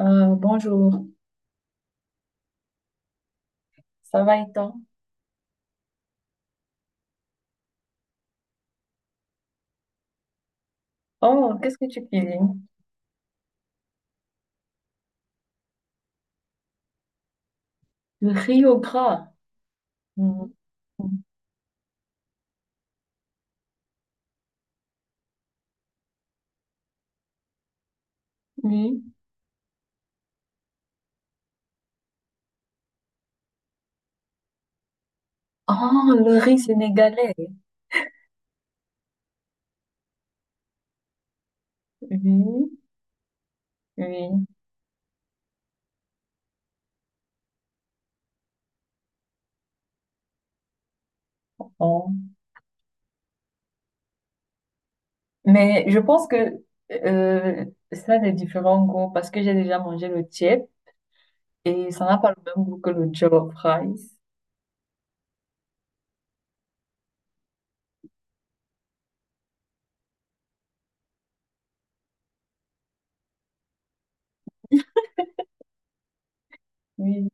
Bonjour, ça va et toi? Oh, qu'est-ce que tu cuisines? Le riz au gras. Mm. Oui. Oh, le riz sénégalais. Oui, oui. Oh. Mais je pense que euh, ça a des différents goûts parce que j'ai déjà mangé le tiède et ça n'a pas le même goût que le jollof rice. Oui.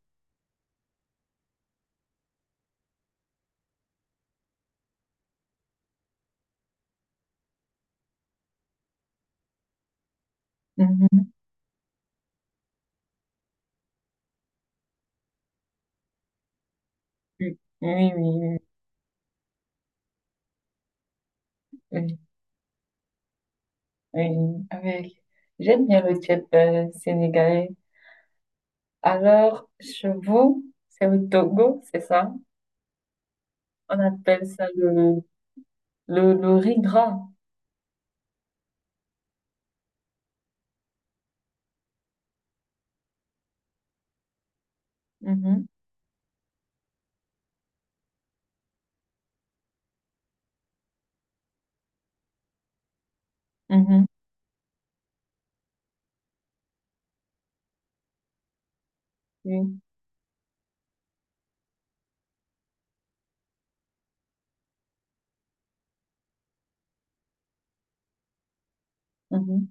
Mhm. Oui, oui, oui, oui, oui. Oui. Avec... J'aime bien le tiède sénégalais. Alors, chevaux, c'est au Togo, c'est ça? On appelle ça le riz gras. Mhm, mhm, oui, mhm.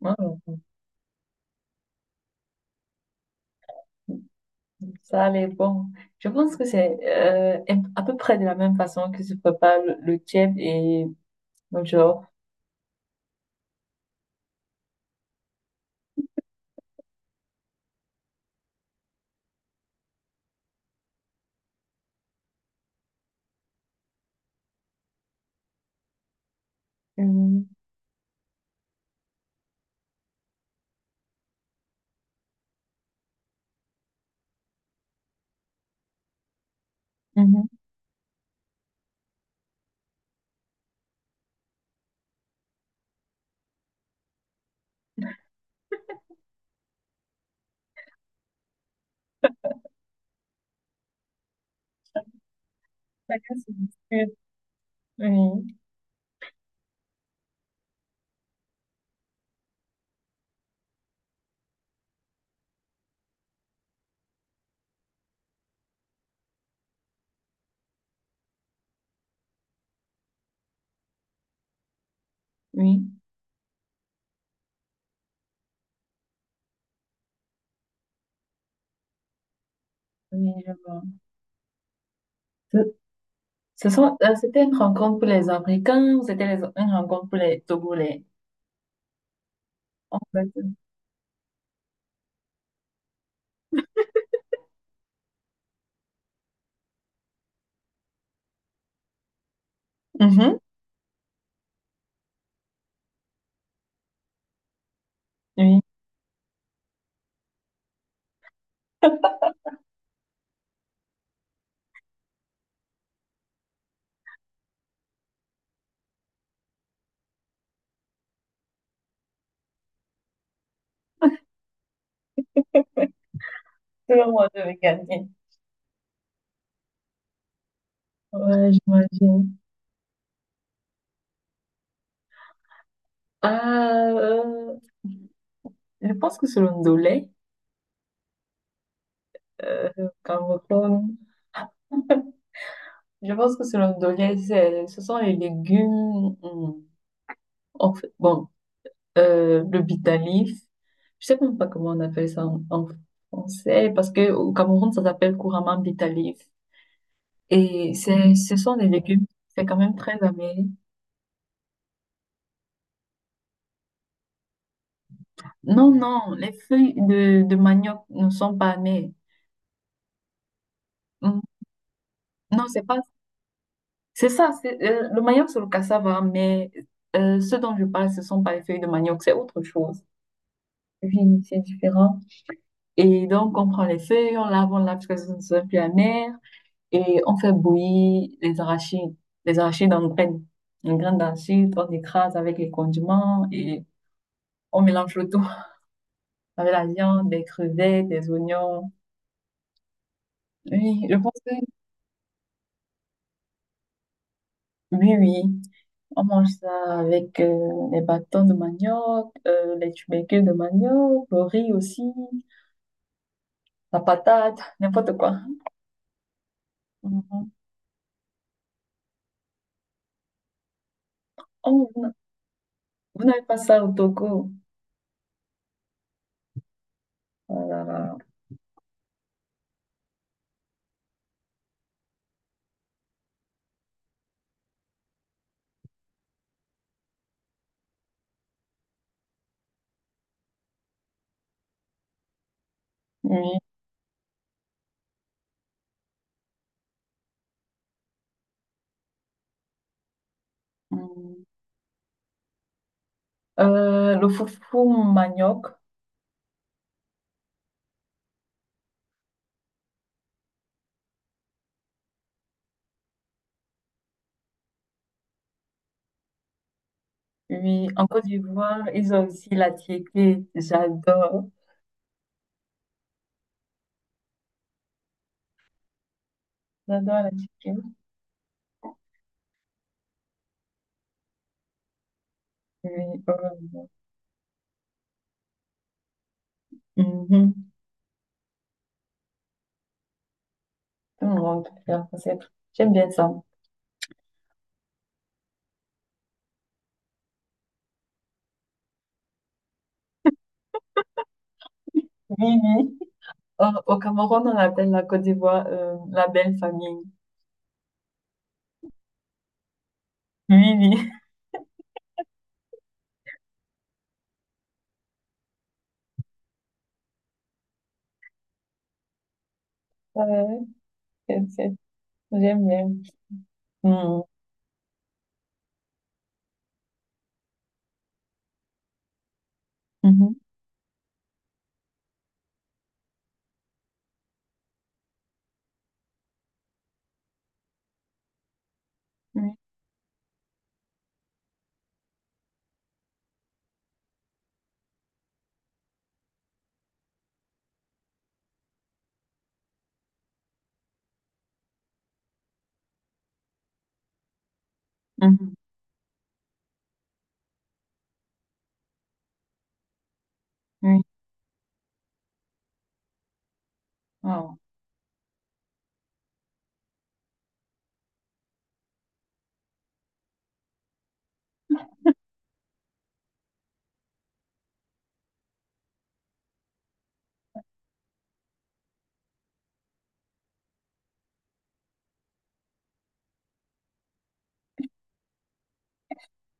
Wow, ça, elle est bon. Je pense que c'est à peu près de la même façon que se prépare le tchèp et le genre. Mhm, mhm. Chacun se discute. Oui, oui, oui, je vois. Ce, Ce sont, c'était une rencontre pour les Africains ou c'était une rencontre pour les Togolais? En fait, mhm, oui. Tout le monde devait gagner. Ouais, j'imagine. Ah, euh, je pense que c'est le ndolé, au Cameroun. Je pense que c'est le ndolé, ce sont les légumes, hmm, en fait, bon, le bitalif. Je sais même pas comment on appelle ça en français, parce que au Cameroun, ça s'appelle couramment bitalif. Et ce sont des légumes, c'est quand même très amer. Non, non, les feuilles de manioc ne sont pas amères. Hmm, non, c'est pas. C'est ça, c'est, le manioc sur le cassava, mais ce dont je parle, ce ne sont pas les feuilles de manioc, c'est autre chose. Oui, c'est différent. Et donc, on prend les feuilles, on lave parce que ce ne soit plus amer, et on fait bouillir les arachides. Les arachides en graines. En graines d'arachide, on écrase avec les condiments et on mélange le tout avec la viande, des crevettes, des oignons. Oui, je pense que oui, oui. On mange ça avec les bâtons de manioc, les tubercules de manioc, le riz aussi, la patate, n'importe quoi. Mhm. Oh, vous n'avez pas ça au Togo. Voilà. Oui. Mm. Le foufou manioc. Oui, en Côte d'Ivoire, ils ont aussi la tiéké. J'adore. J'adore la tiéké. Oui. Euh, mhm. Tout le monde peut faire ça. J'aime bien ça. Oui, oui. Au Cameroun, on appelle la Côte d'Ivoire la belle famille. Oui, oui. Ouais, c'est- c'est- j'aime bien. Mhm. Mhm. Oui. Mhm. Oui. Wow.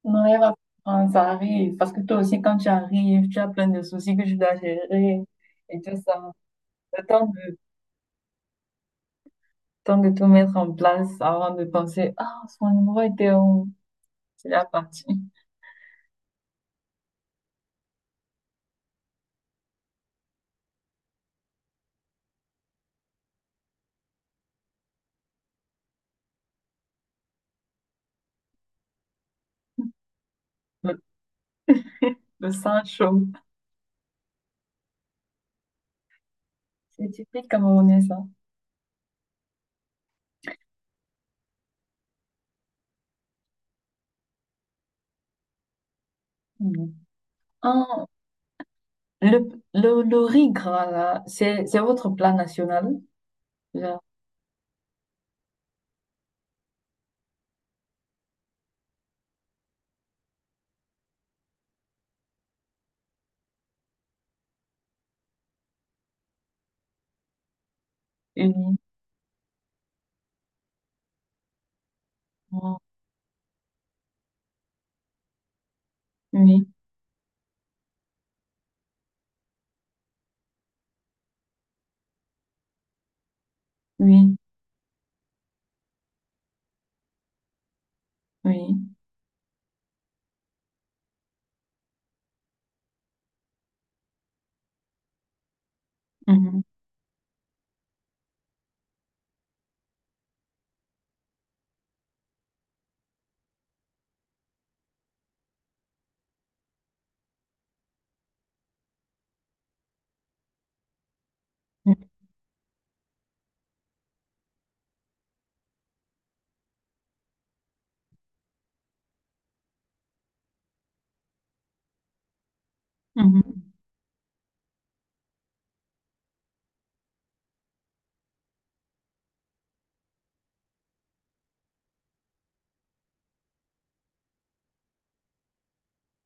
Non, elle va prendre, ça arrive. Parce que toi aussi, quand tu arrives, tu as plein de soucis que tu dois gérer et tout ça. Le temps le temps de tout mettre en place avant de penser, ah, son numéro était où? C'est la partie. Le, le sang chaud. C'est typique camerounais, ça. Mhm. Ah, le, le riz gras, là, c'est votre plat national? Genre, oui, oui, oui. Oui. Mhm. Mhm. Mhm.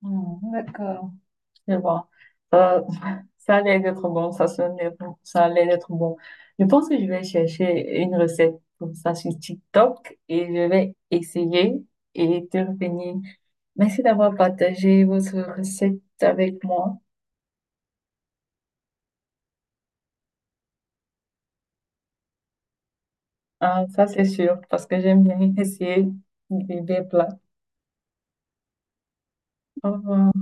Hmm, d'accord. Je vois. Euh, ça allait être bon, ça sonnait bon, ça allait être bon. Je pense que je vais chercher une recette comme ça sur TikTok et je vais essayer et te revenir. Merci d'avoir partagé votre recette avec moi. Ah, ça, c'est sûr, parce que j'aime bien essayer des plats. Au revoir.